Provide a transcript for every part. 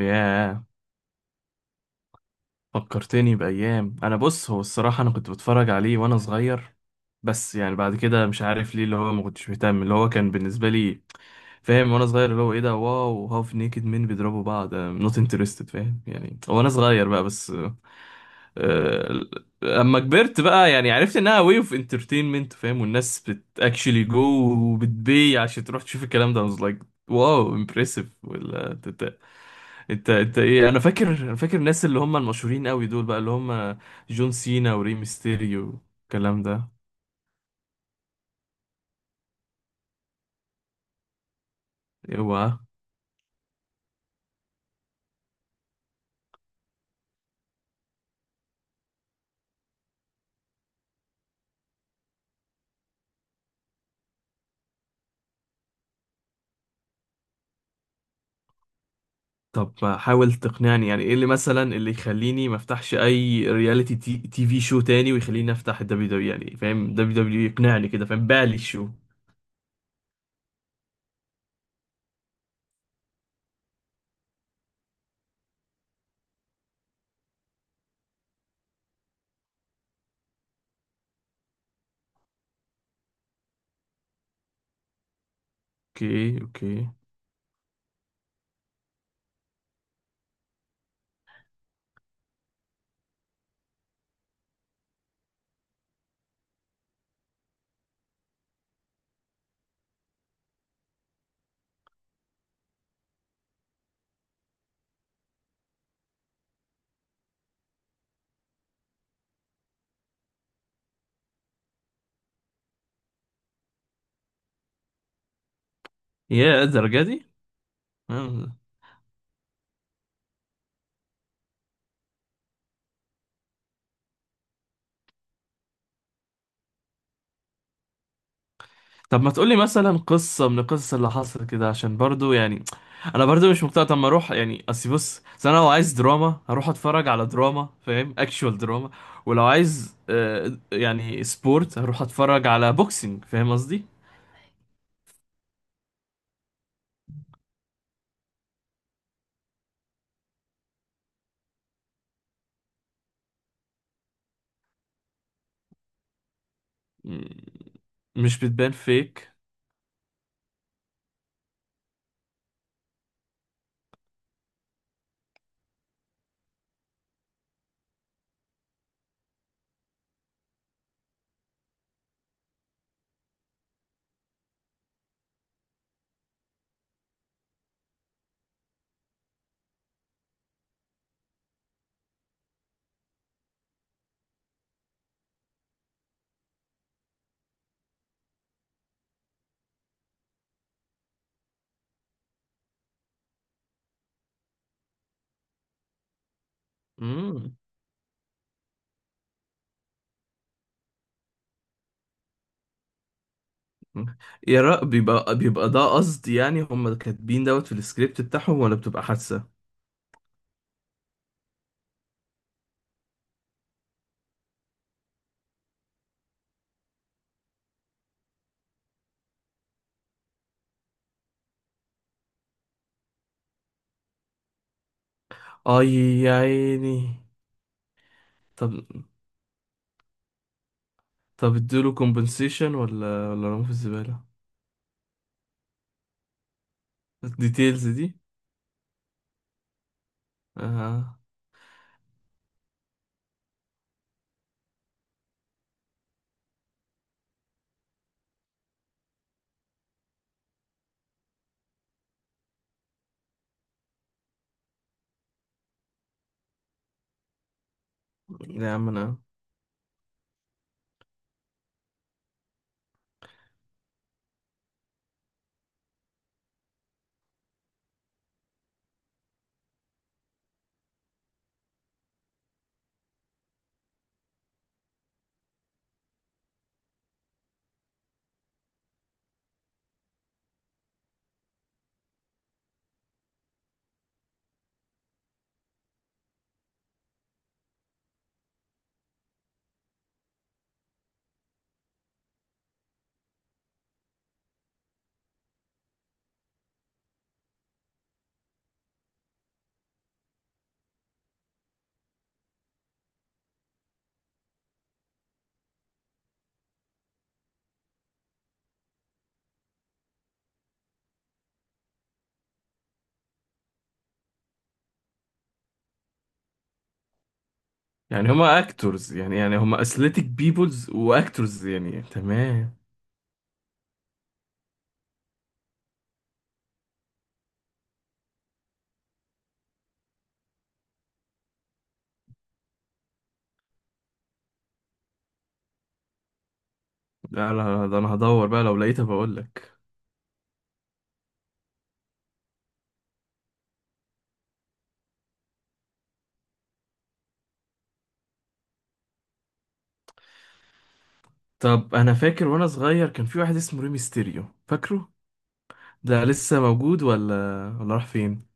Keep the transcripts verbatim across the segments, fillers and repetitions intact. ياه، فكرتني بأيام. أنا بص، هو الصراحة أنا كنت بتفرج عليه وأنا صغير، بس يعني بعد كده مش عارف ليه، اللي هو ما كنتش مهتم. اللي هو كان بالنسبة لي، فاهم، وأنا صغير، اللي هو إيه ده؟ واو، هاف نيكد مين بيضربوا بعض، نوت انترستد، فاهم يعني، وأنا صغير بقى بس. آه، أما كبرت بقى يعني عرفت إنها واي أوف انترتينمنت، فاهم، والناس بت اكشلي جو وبتبي عشان تروح تشوف الكلام ده. I was like واو، امبرسيف ولا انت انت ايه؟ انا فاكر، انا فاكر الناس اللي هم المشهورين قوي دول بقى، اللي هم جون سينا وري ميستيريو والكلام ده. اوعى! طب حاول تقنعني، يعني ايه اللي مثلا اللي يخليني ما افتحش اي رياليتي تي, تي في شو تاني ويخليني افتح الدبليو دبليو، يعني فاهم، دبليو دبليو يقنعني كده، فاهم بالي شو. اوكي اوكي. يا الدرجه دي؟ آه. طب ما تقولي مثلا قصة من القصص اللي حصلت كده عشان برضو، يعني انا برضو مش مقتنع. طب ما اروح يعني، اصل بص، أصل انا لو عايز دراما هروح اتفرج على دراما، فاهم، اكشوال دراما. ولو عايز آه، يعني سبورت، هروح اتفرج على بوكسينج، فاهم قصدي. م- مش بتبان فيك. مم. يا رأ، بيبقى بيبقى ده قصدي، يعني هم كاتبين دوت في السكريبت بتاعهم ولا بتبقى حادثة؟ اي. يا عيني. طب، طب ادوله كومبنسيشن ولا ولا رموا في الزبالة؟ الديتيلز دي. آه. يا عم انا، يعني هما اكتورز، يعني يعني هما اثليتيك بيبلز واكتورز يعني، تمام. لا لا، ده انا هدور بقى، لو لقيتها بقول لك. طب انا فاكر وانا صغير كان في واحد اسمه ريمي ستيريو، فاكره؟ ده لسه موجود ولا ولا راح فين؟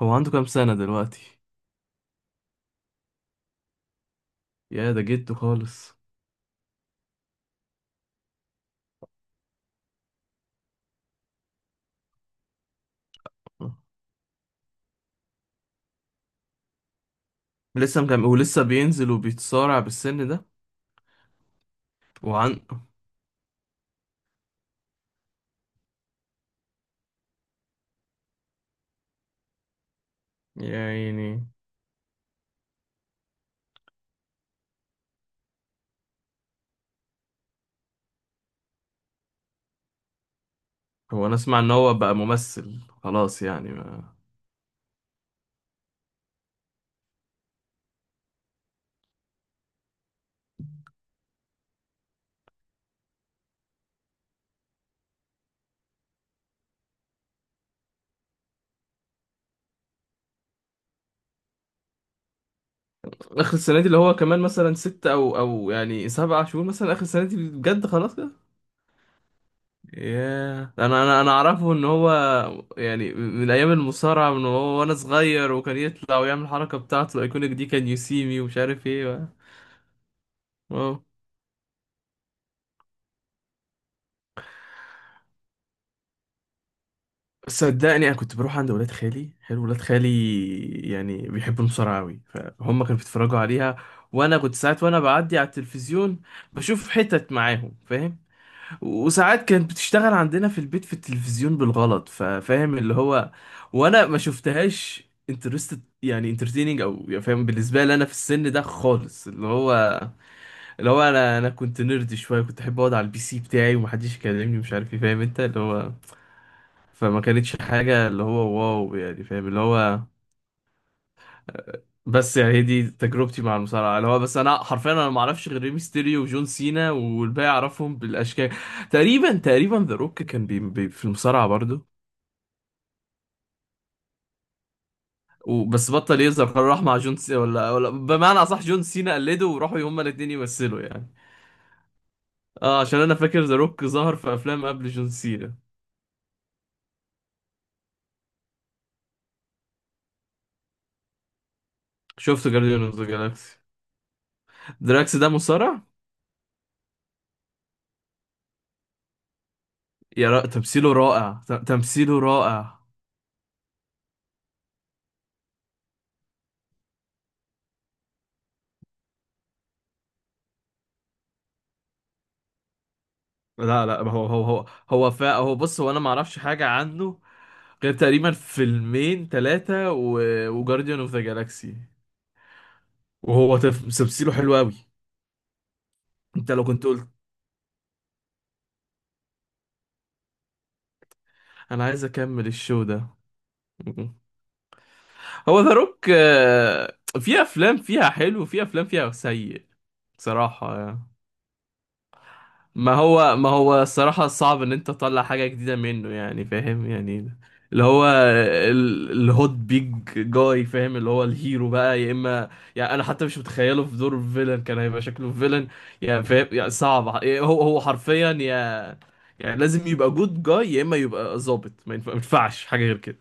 هو عنده كام سنة دلوقتي؟ يا ده جده خالص! لسه مكمل ولسه بينزل وبيتصارع بالسن ده؟ وعن، يعني، هو انا اسمع ان هو بقى ممثل خلاص يعني ما. اخر السنه دي اللي هو كمان مثلا ستة او او يعني سبعة شهور مثلا، اخر السنه دي بجد خلاص كده؟ ياه، انا انا انا اعرفه ان هو، يعني من ايام المصارعه من هو وانا صغير، وكان يطلع ويعمل الحركه بتاعته الايكونيك دي، كان يو سي مي ومش عارف ايه. اه، صدقني انا كنت بروح عند ولاد خالي. حلو، ولاد خالي يعني بيحبوا المصارعه قوي فهم كانوا بيتفرجوا عليها. وانا كنت ساعات وانا بعدي على التلفزيون بشوف حتت معاهم، فاهم. وساعات كانت بتشتغل عندنا في البيت في التلفزيون بالغلط، ففاهم اللي هو. وانا ما شفتهاش انترستد يعني، انترتيننج او يعني، فاهم، بالنسبه لي انا في السن ده خالص اللي هو، اللي هو انا انا كنت نيرد شويه، كنت احب اقعد على البي سي بتاعي ومحدش يكلمني، مش عارف ايه، فاهم انت اللي هو. فما كانتش حاجه اللي هو واو، يعني فاهم اللي هو. بس يعني هي دي تجربتي مع المصارعه، اللي هو بس انا حرفيا انا ما اعرفش غير ريمستيريو وجون سينا، والباقي اعرفهم بالاشكال. تقريبا تقريبا ذا روك كان بي بي في المصارعه برضو. وبس بطل يظهر، قرر راح مع جون سينا، ولا ولا بمعنى اصح جون سينا قلده وراحوا هما الاثنين يمثلوا يعني. اه، عشان انا فاكر ذا روك ظهر في افلام قبل جون سينا. شفت جارديان اوف ذا جالاكسي؟ دراكس ده مصارع؟ يا را... تمثيله رائع، ت... تمثيله رائع. لا لا، هو هو هو هو فا، هو بص، هو انا ما اعرفش حاجه عنه غير تقريبا فيلمين ثلاثة و... وجارديان اوف ذا جالاكسي. وهو طفل تمثيله حلو قوي. انت لو كنت قلت. انا عايز اكمل الشو ده. هو ذا روك في افلام فيها حلو وفي افلام فيها سيء، بصراحة يعني. ما هو ما هو الصراحة صعب ان انت تطلع حاجة جديدة منه، يعني فاهم يعني، اللي هو ال- الهوت بيج جاي، فاهم، اللي هو الهيرو بقى يا اما، يعني انا حتى مش متخيله في دور الفيلن كان هيبقى شكله فيلن. يعني فاهم يعني، صعب، هو هو حرفيا يا، يعني لازم يبقى جود جاي يا اما يبقى ظابط، ما ينفع- ما ينفعش حاجة غير كده.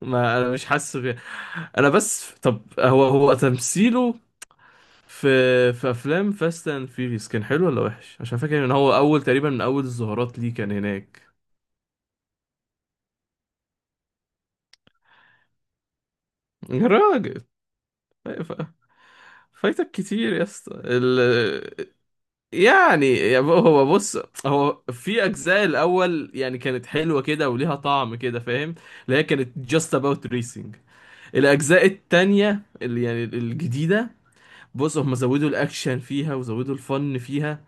ما انا مش حاسس بيه. انا بس، طب هو هو تمثيله في في افلام فاست اند فيريس كان حلو ولا وحش؟ عشان فاكر ان هو اول تقريبا من اول الظهورات ليه كان هناك. يا راجل. أيوة، ف- فايتك كتير يا اسطى ال... يعني يا ب- هو بص، هو في اجزاء الاول يعني كانت حلوه كده وليها طعم كده، فاهم، اللي هي كانت just about racing. الاجزاء التانية اللي يعني الجديده، بص هم زودوا الاكشن فيها وزودوا الفن فيها،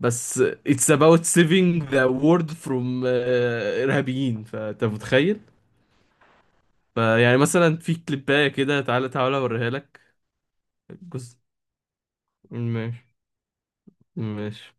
بس it's about saving the world from آه، ارهابيين، فانت متخيل. فيعني مثلا في كليبايه كده، تعالى تعالى اوريها لك جزء. ماشي. ماشي.